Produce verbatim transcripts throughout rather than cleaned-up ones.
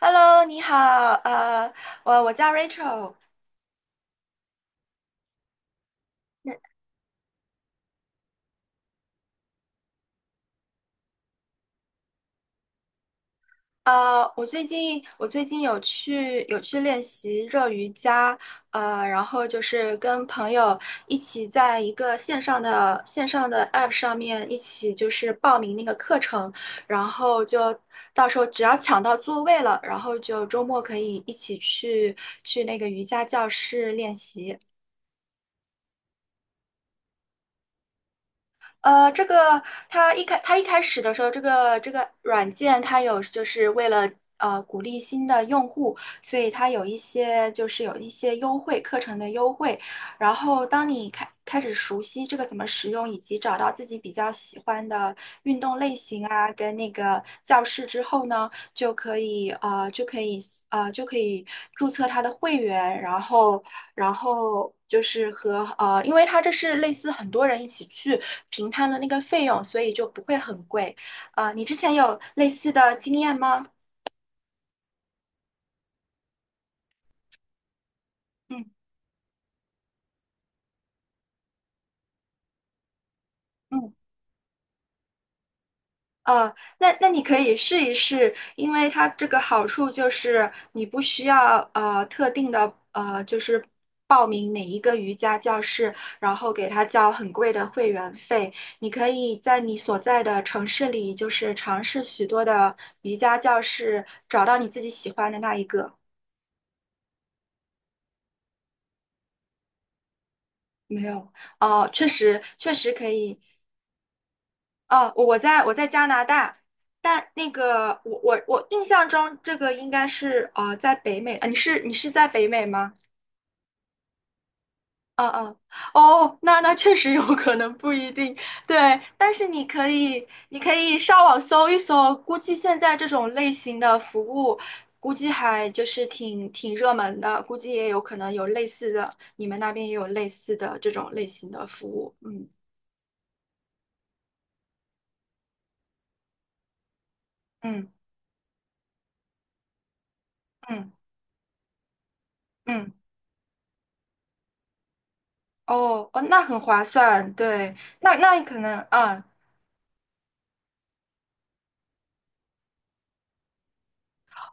Hello，你好，呃，我我叫 Rachel。那呃，我最近我最近有去有去练习热瑜伽。呃，然后就是跟朋友一起在一个线上的线上的 App 上面一起就是报名那个课程，然后就到时候只要抢到座位了，然后就周末可以一起去去那个瑜伽教室练习。呃，这个它一开它一开始的时候，这个这个软件它有就是为了呃鼓励新的用户，所以它有一些就是有一些优惠课程的优惠。然后当你开开始熟悉这个怎么使用，以及找到自己比较喜欢的运动类型啊，跟那个教室之后呢，就可以啊、呃就可以啊、呃就可以注册他的会员，然后然后就是和呃，因为他这是类似很多人一起去平摊的那个费用，所以就不会很贵。啊，你之前有类似的经验吗？嗯。嗯呃，那那你可以试一试，因为它这个好处就是你不需要呃特定的呃就是报名哪一个瑜伽教室，然后给他交很贵的会员费。你可以在你所在的城市里，就是尝试许多的瑜伽教室，找到你自己喜欢的那一个。没有。哦，确实确实可以。哦，我在我在加拿大。但那个我我我印象中这个应该是呃在北美啊。你是你是在北美吗？嗯嗯，哦，那那确实有可能不一定。对，但是你可以你可以上网搜一搜。估计现在这种类型的服务，估计还就是挺挺热门的，估计也有可能有类似的，你们那边也有类似的这种类型的服务。嗯嗯嗯嗯。哦哦，那很划算。对，那那可能，嗯，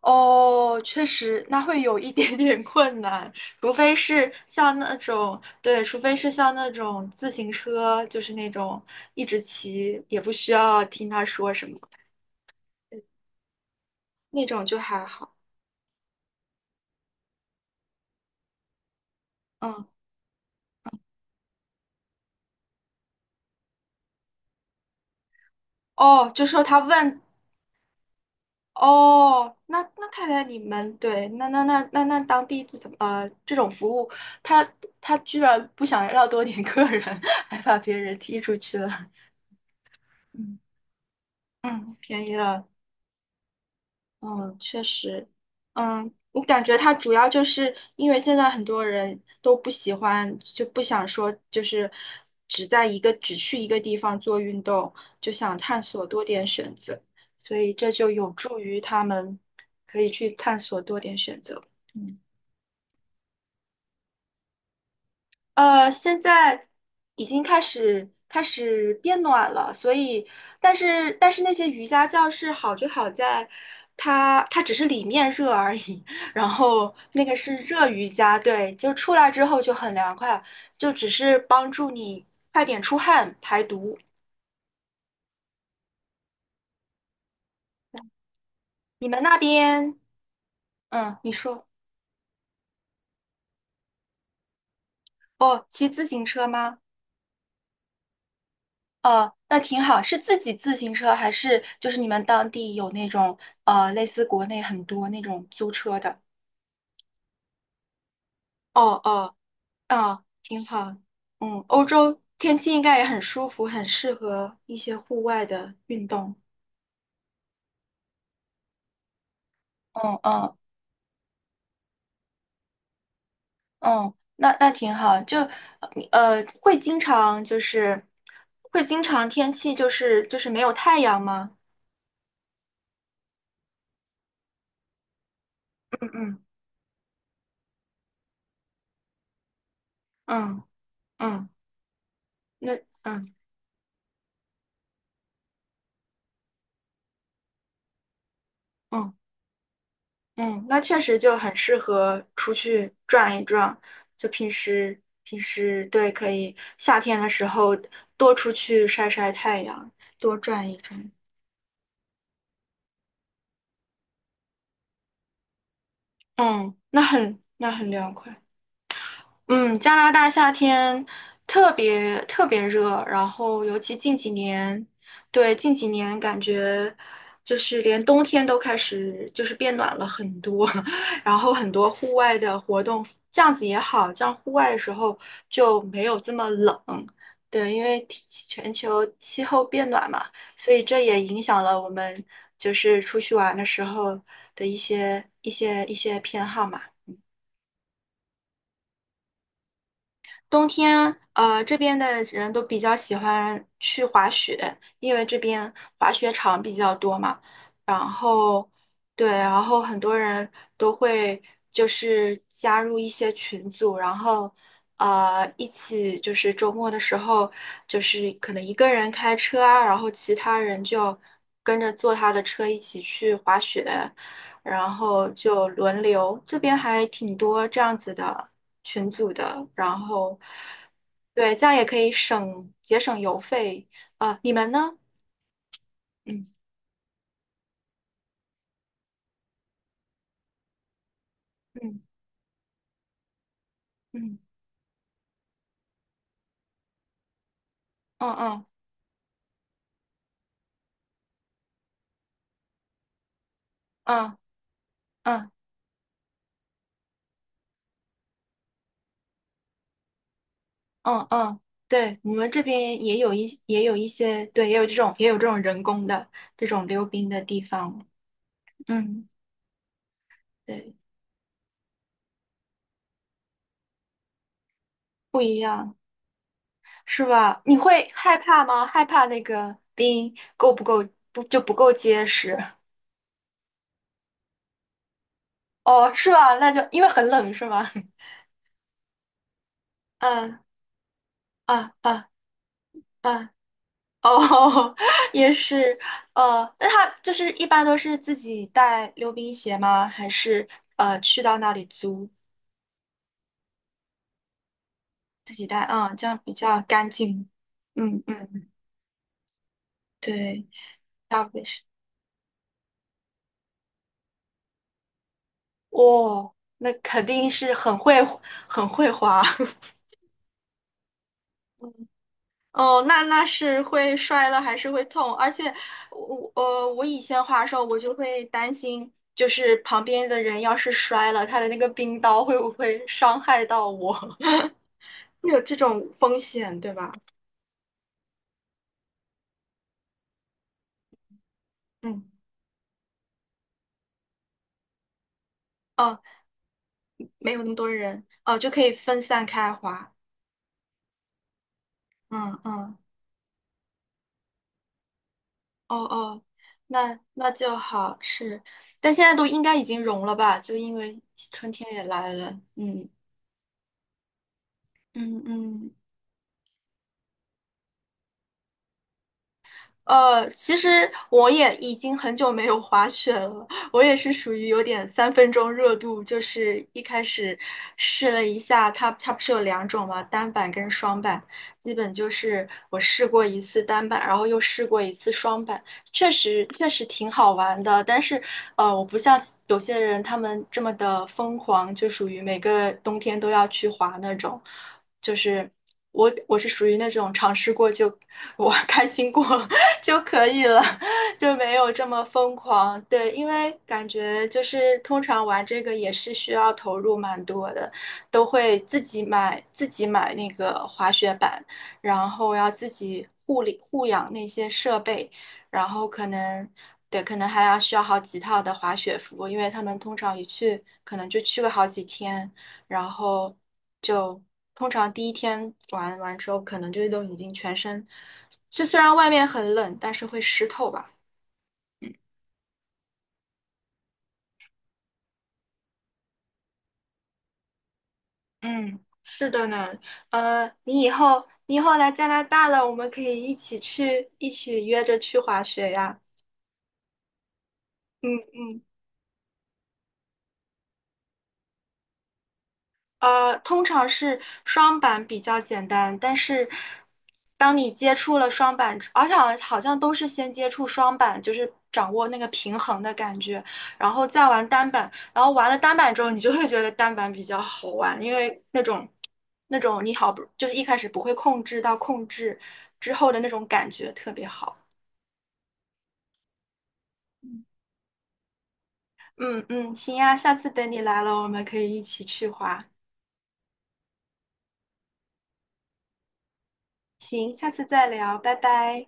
哦，确实，那会有一点点 困难。除非是像那种，对，除非是像那种自行车，就是那种一直骑，也不需要听他说什么，那种就还好。嗯，哦，就说他问。哦，那那看来你们对。那那那那那当地怎么，呃，这种服务，他他居然不想要多点 客人，还把别人踢出去了。嗯嗯，便宜了。嗯，确实。嗯，我感觉它主要就是因为现在很多人都不喜欢，就不想说就是只在一个只去一个地方做运动，就想探索多点选择，所以这就有助于他们可以去探索多点选择。嗯呃，现在已经开始开始变暖了，所以，但是但是那些瑜伽教室好就好在，它它只是里面热而已。然后那个是热瑜伽，对，就出来之后就很凉快，就只是帮助你快点出汗排毒。你们那边，嗯，你说，哦，骑自行车吗？哦，那挺好，是自己自行车还是就是你们当地有那种呃类似国内很多那种租车的？哦哦哦，挺好。嗯，欧洲天气应该也很舒服，很适合一些户外的运动。嗯嗯嗯，那那挺好。就呃，会经常就是会经常天气就是就是没有太阳吗？嗯嗯嗯嗯，那嗯嗯。嗯，那确实就很适合出去转一转。就平时平时对，可以夏天的时候多出去晒晒太阳，多转一转。嗯，那很那很凉快。嗯，加拿大夏天特别特别热，然后尤其近几年。对，近几年感觉就是连冬天都开始就是变暖了很多。然后很多户外的活动，这样子也好，这样户外的时候就没有这么冷，对，因为天气全球气候变暖嘛，所以这也影响了我们就是出去玩的时候的一些一些一些偏好嘛。冬天，呃，这边的人都比较喜欢去滑雪，因为这边滑雪场比较多嘛。然后，对，然后很多人都会就是加入一些群组，然后呃一起就是周末的时候，就是可能一个人开车啊，然后其他人就跟着坐他的车一起去滑雪，然后就轮流，这边还挺多这样子的群组的，然后对，这样也可以省节省邮费。啊。你们呢？嗯嗯嗯嗯嗯嗯嗯嗯嗯，对，我们这边也有一也有一些，对，也有这种也有这种人工的这种溜冰的地方。嗯，对，不一样是吧？你会害怕吗？害怕那个冰够不够，不就不够结实？哦，是吧？那就因为很冷，是吗？嗯啊啊啊！哦，也是。呃，那他就是一般都是自己带溜冰鞋吗？还是呃去到那里租，自己带？嗯，这样比较干净。嗯嗯，对，要不是，哇，那肯定是很会很会滑。哦，那那是会摔了还是会痛，而且我呃我以前滑的时候我就会担心，就是旁边的人要是摔了，他的那个冰刀会不会伤害到我，会有这种风险，对吧？嗯，哦，没有那么多人，哦，就可以分散开滑。嗯嗯，哦哦，那那就好，是，但现在都应该已经融了吧，就因为春天也来了。嗯嗯嗯。呃，其实我也已经很久没有滑雪了，我也是属于有点三分钟热度，就是一开始试了一下，它它不是有两种嘛，单板跟双板。基本就是我试过一次单板，然后又试过一次双板，确实确实挺好玩的，但是呃，我不像有些人他们这么的疯狂，就属于每个冬天都要去滑那种。就是我我是属于那种尝试过就我 开心过 就可以了，就没有这么疯狂。对，因为感觉就是通常玩这个也是需要投入蛮多的，都会自己买自己买那个滑雪板。然后要自己护理护养那些设备，然后可能对，可能还要需要好几套的滑雪服，因为他们通常一去可能就去个好几天，然后就通常第一天玩完之后，可能就都已经全身，就虽然外面很冷，但是会湿透吧。嗯，是的呢。呃，你以后你以后来加拿大了，我们可以一起去，一起约着去滑雪呀。嗯嗯。呃，通常是双板比较简单，但是当你接触了双板之而且好像好像都是先接触双板，就是掌握那个平衡的感觉，然后再玩单板，然后玩了单板之后，你就会觉得单板比较好玩，因为那种那种你好不就是一开始不会控制到控制之后的那种感觉特别好。嗯嗯，行呀，下次等你来了，我们可以一起去滑。行，下次再聊，拜拜。